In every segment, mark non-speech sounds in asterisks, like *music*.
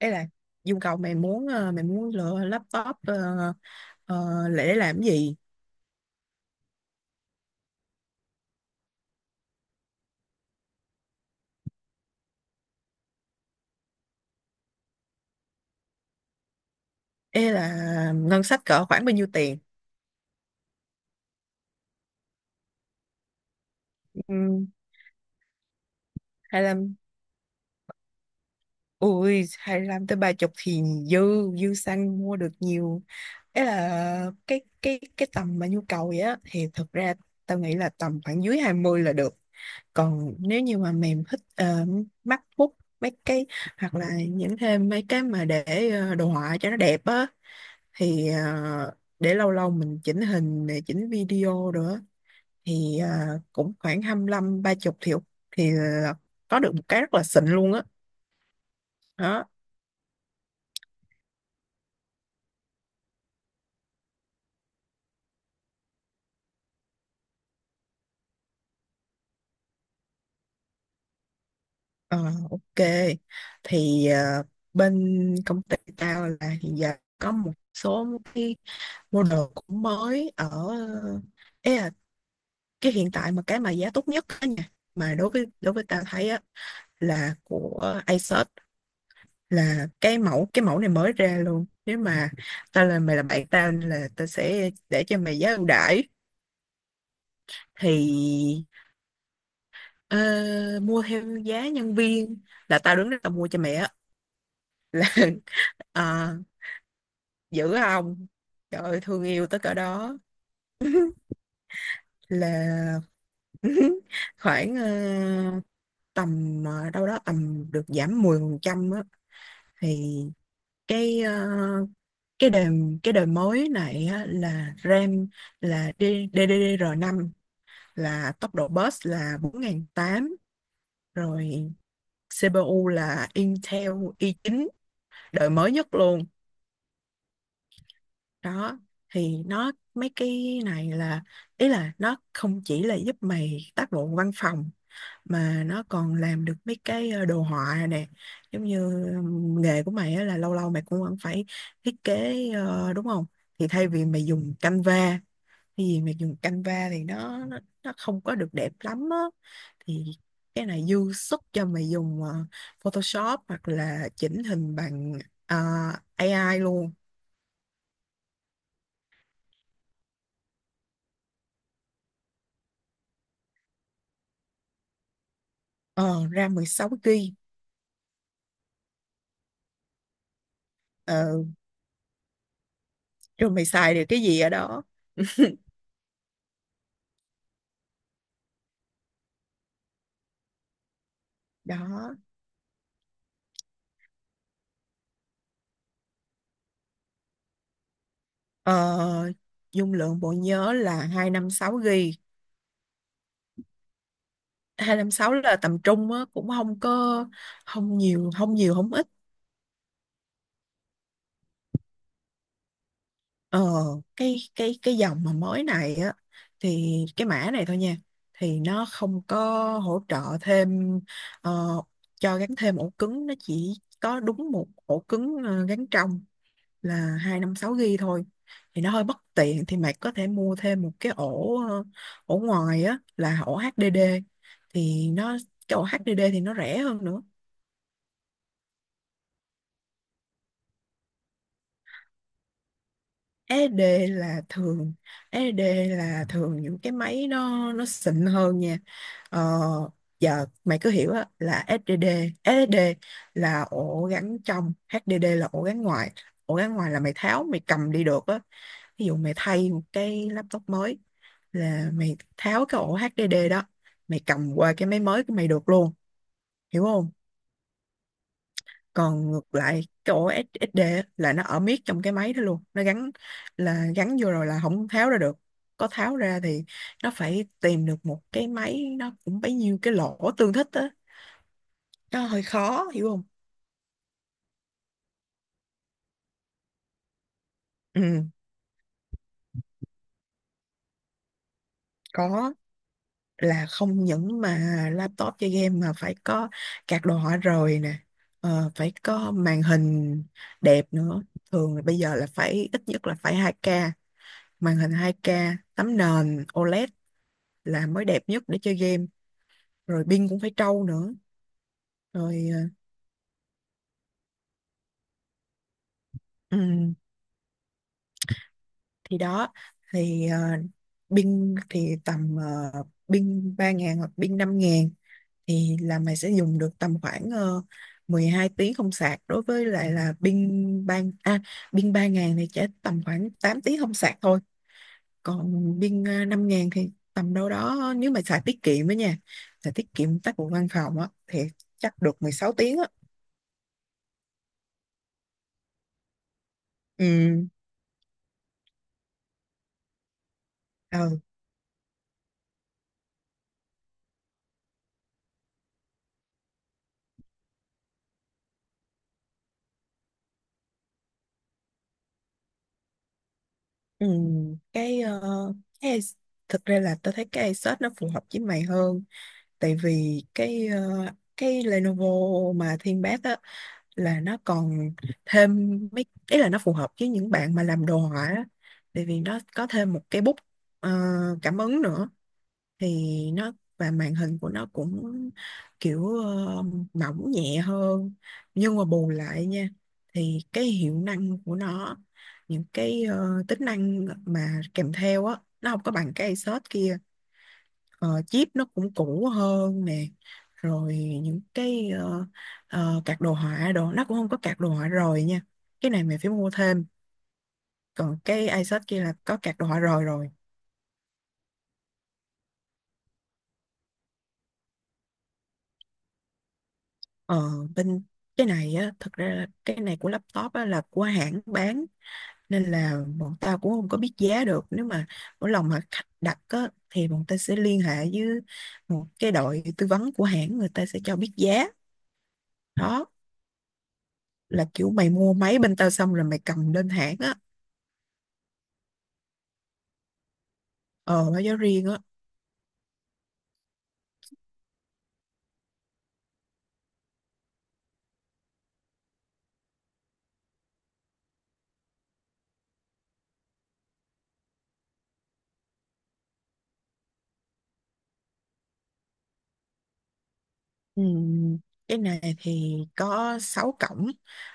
Đấy là Dung cầu mày muốn lựa laptop ờ, để làm cái gì? Ê là ngân sách cỡ khoảng bao nhiêu tiền? Uhm, 25. Ui, 25 tới 30 thì dư dư xăng mua được nhiều. Ấy là cái tầm mà nhu cầu vậy á, thì thực ra tao nghĩ là tầm khoảng dưới 20 là được. Còn nếu như mà mày thích MacBook mấy cái, hoặc là những thêm mấy cái mà để đồ họa cho nó đẹp á, thì để lâu lâu mình chỉnh hình này chỉnh video nữa, thì cũng khoảng 25 30 triệu thì có được một cái rất là xịn luôn á. Đó. Ờ, ok, thì bên công ty tao là hiện giờ có một số cái model cũng mới ở... Ê cái hiện tại mà cái mà giá tốt nhất á nha, mà đối với tao thấy á là của Asos, là cái mẫu này mới ra luôn. Nếu mà tao là mày, là bạn tao nên là tao sẽ để cho mày giá ưu đãi thì ờ, mua theo giá nhân viên, là tao đứng đó tao mua cho mẹ á. *laughs* Là ờ, giữ không? Trời ơi, thương yêu tới cỡ đó. Là *laughs* khoảng tầm đâu đó tầm được giảm 10% á. Thì cái ờ, cái đời cái đời mới này á, là RAM là ddr năm, là tốc độ bus là 4.800, rồi CPU là Intel i9 đời mới nhất luôn. Đó, thì nó mấy cái này là, ý là nó không chỉ là giúp mày tác vụ văn phòng, mà nó còn làm được mấy cái đồ họa nè, giống như nghề của mày á, là lâu lâu mày cũng vẫn phải thiết kế, đúng không? Thì thay vì mày dùng Canva, cái gì mà dùng Canva thì nó không có được đẹp lắm á, thì cái này dư sức cho mày dùng Photoshop hoặc là chỉnh hình bằng ờ, AI luôn. Ờ Ra 16 GB. ờ, Rồi mày xài được cái gì ở đó? Đó, ờ, dung lượng bộ nhớ là 256 GB. 256 là tầm trung á, cũng không có, không nhiều không ít. Ờ, cái dòng mà mới này á, thì cái mã này thôi nha, thì nó không có hỗ trợ thêm, ờ, cho gắn thêm ổ cứng, nó chỉ có đúng một ổ cứng gắn trong, là 256 GB thôi, thì nó hơi bất tiện, thì mày có thể mua thêm một cái ổ ngoài á, là ổ HDD, thì nó cái ổ HDD thì nó rẻ hơn nữa. SD là thường SD là thường những cái máy nó xịn hơn nha. Ờ, giờ mày cứ hiểu á, là SSD là ổ gắn trong, HDD là ổ gắn ngoài. Ổ gắn ngoài là mày tháo mày cầm đi được á, ví dụ mày thay một cái laptop mới, là mày tháo cái ổ HDD đó, mày cầm qua cái máy mới của mày được luôn, hiểu không? Còn ngược lại cái ổ SSD á, là nó ở miết trong cái máy đó luôn, nó gắn là gắn vô rồi là không tháo ra được, có tháo ra thì nó phải tìm được một cái máy nó cũng bấy nhiêu cái lỗ tương thích á, nó hơi khó, hiểu không? Ừ, có. Là không những mà laptop chơi game mà phải có card đồ họa rồi nè, phải có màn hình đẹp nữa, thường là bây giờ là phải ít nhất là phải 2K, màn hình 2K, tấm nền OLED là mới đẹp nhất để chơi game, rồi pin cũng phải trâu nữa. Rồi. Ờ, ừ, thì đó, thì pin thì tầm, uh, pin 3.000 hoặc pin 5.000, thì là mày sẽ dùng được tầm khoảng, 12 tiếng không sạc. Đối với lại là pin 3.000 thì chỉ tầm khoảng 8 tiếng không sạc thôi, còn pin 5.000 thì tầm đâu đó, nếu mà xài tiết kiệm đó nha, xài tiết kiệm tác vụ văn phòng á thì chắc được 16 tiếng á. Ừ. Ờ. Ừ, cái ờ, cái ai- thực ra là tao thấy cái Asus nó phù hợp với mày hơn, tại vì cái Lenovo mà Thiên Bác á, là nó còn thêm mấy, ý là nó phù hợp với những bạn mà làm đồ họa á, tại vì nó có thêm một cái bút ờ, cảm ứng nữa, thì nó và màn hình của nó cũng kiểu mỏng nhẹ hơn, nhưng mà bù lại nha, thì cái hiệu năng của nó, những cái tính năng mà kèm theo á, nó không có bằng cái Asus kia. Ờ, chip nó cũng cũ hơn nè, rồi những cái card đồ họa đồ nó cũng không có card đồ họa rồi nha, cái này mình phải mua thêm, còn cái Asus kia là có card đồ họa rồi rồi. Ờ, bên cái này á, thật ra là cái này của laptop á, là của hãng bán, nên là bọn tao cũng không có biết giá được. Nếu mà mỗi lần mà khách đặt á, thì bọn ta sẽ liên hệ với một cái đội tư vấn của hãng, người ta sẽ cho biết giá. Đó là kiểu mày mua máy bên tao xong rồi mày cầm lên hãng á. Ờ, báo giá riêng á. Ừ, cái này thì có 6 cổng,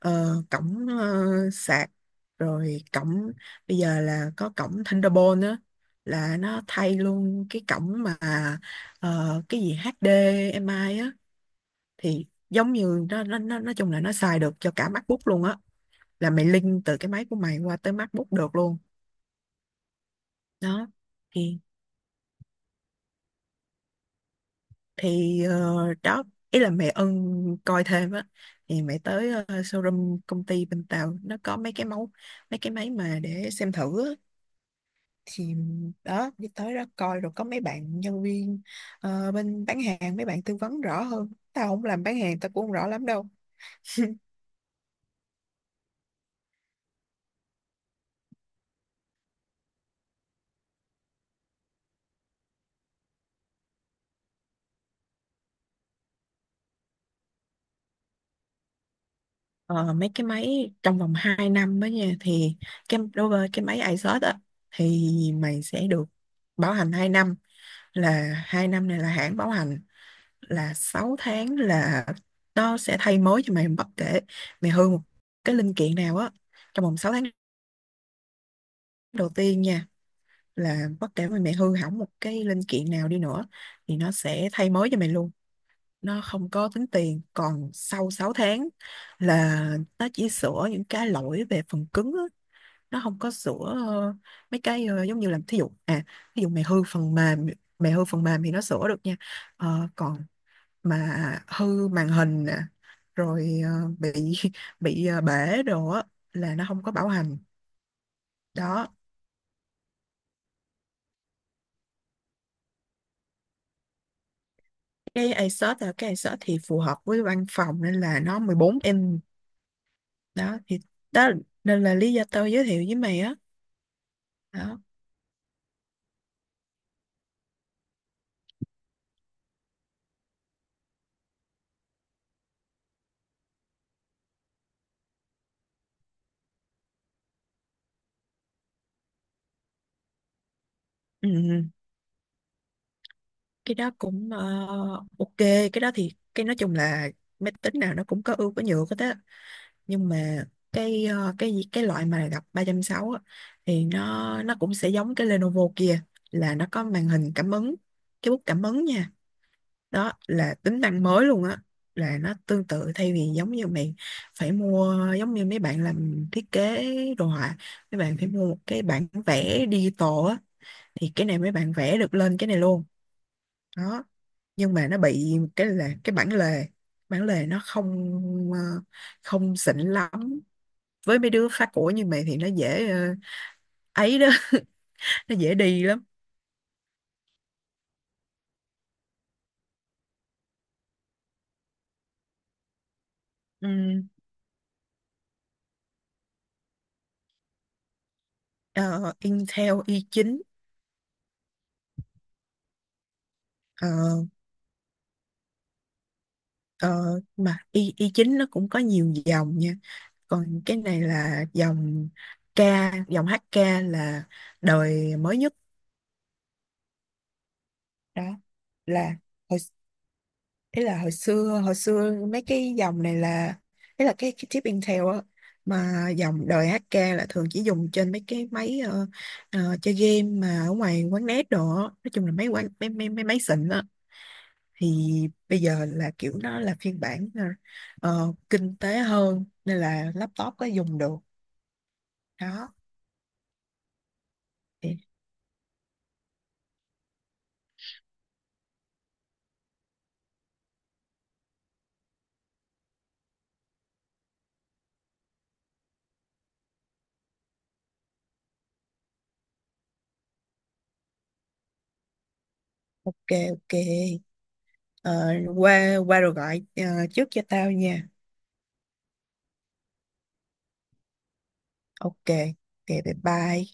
ờ, cổng ờ, sạc, rồi cổng, bây giờ là có cổng Thunderbolt nữa, là nó thay luôn cái cổng mà cái gì HDMI á, thì giống như nó nói chung là nó xài được cho cả MacBook luôn á, là mày link từ cái máy của mày qua tới MacBook được luôn. Đó, thì đó, ý là mẹ Ân coi thêm á, thì mẹ tới showroom công ty, bên Tàu nó có mấy cái máy mà để xem thử á, thì đó, đi tới đó coi rồi có mấy bạn nhân viên bên bán hàng, mấy bạn tư vấn rõ hơn, tao không làm bán hàng tao cũng không rõ lắm đâu. Ờ, mấy cái máy trong vòng 2 năm đó nha, thì cái đối với cái máy iSort á, thì mày sẽ được bảo hành 2 năm, là 2 năm này là hãng bảo hành, là 6 tháng là nó sẽ thay mới cho mày bất kể mày hư một cái linh kiện nào á, trong vòng 6 tháng đầu tiên nha, là bất kể mà mày hư hỏng một cái linh kiện nào đi nữa thì nó sẽ thay mới cho mày luôn, nó không có tính tiền. Còn sau 6 tháng là nó chỉ sửa những cái lỗi về phần cứng á, nó không có sửa mấy cái giống như là, thí dụ mày hư phần mềm thì nó sửa được nha. Ờ, còn mà hư màn hình nè, rồi bị *laughs* bị bể đồ á là nó không có bảo hành. Đó. Cái Asus thì phù hợp với văn phòng nên là nó 14 inch. Đó, thì đó, nên là lý do tôi giới thiệu với mày á. Đó. Ừ. Ừ. Cái đó cũng ok. Cái đó thì cái nói chung là máy tính nào nó cũng có ưu có nhược hết á, nhưng mà cái loại mà gặp 360 á, thì nó cũng sẽ giống cái Lenovo kia, là nó có màn hình cảm ứng, cái bút cảm ứng nha, đó là tính năng mới luôn á, là nó tương tự, thay vì giống như mày phải mua, giống như mấy bạn làm thiết kế đồ họa, mấy bạn phải mua một cái bản vẽ digital á, thì cái này mấy bạn vẽ được lên cái này luôn. Đó, nhưng mà nó bị một cái là cái bản lề, bản lề nó không ờ, không xịn lắm, với mấy đứa phá của như mày thì nó dễ ấy đó, *laughs* nó dễ đi lắm. Ừm, ờ, Intel i9. ờ, ờ, mà i9 nó cũng có nhiều dòng nha, còn cái này là dòng K, dòng HK là đời mới nhất. Đó là hồi, ý là hồi xưa mấy cái dòng này là, ý là cái chip Intel á, mà dòng đời HK là thường chỉ dùng trên mấy cái máy chơi game mà ở ngoài quán net đồ á. Nói chung là mấy quán, mấy mấy, mấy máy xịn á, thì bây giờ là kiểu nó là phiên bản kinh tế hơn, nên là laptop có dùng được. Đó. Thì ok, ok. Ờ, qua qua rồi gọi trước cho tao nha. Ok, ok, bye bye.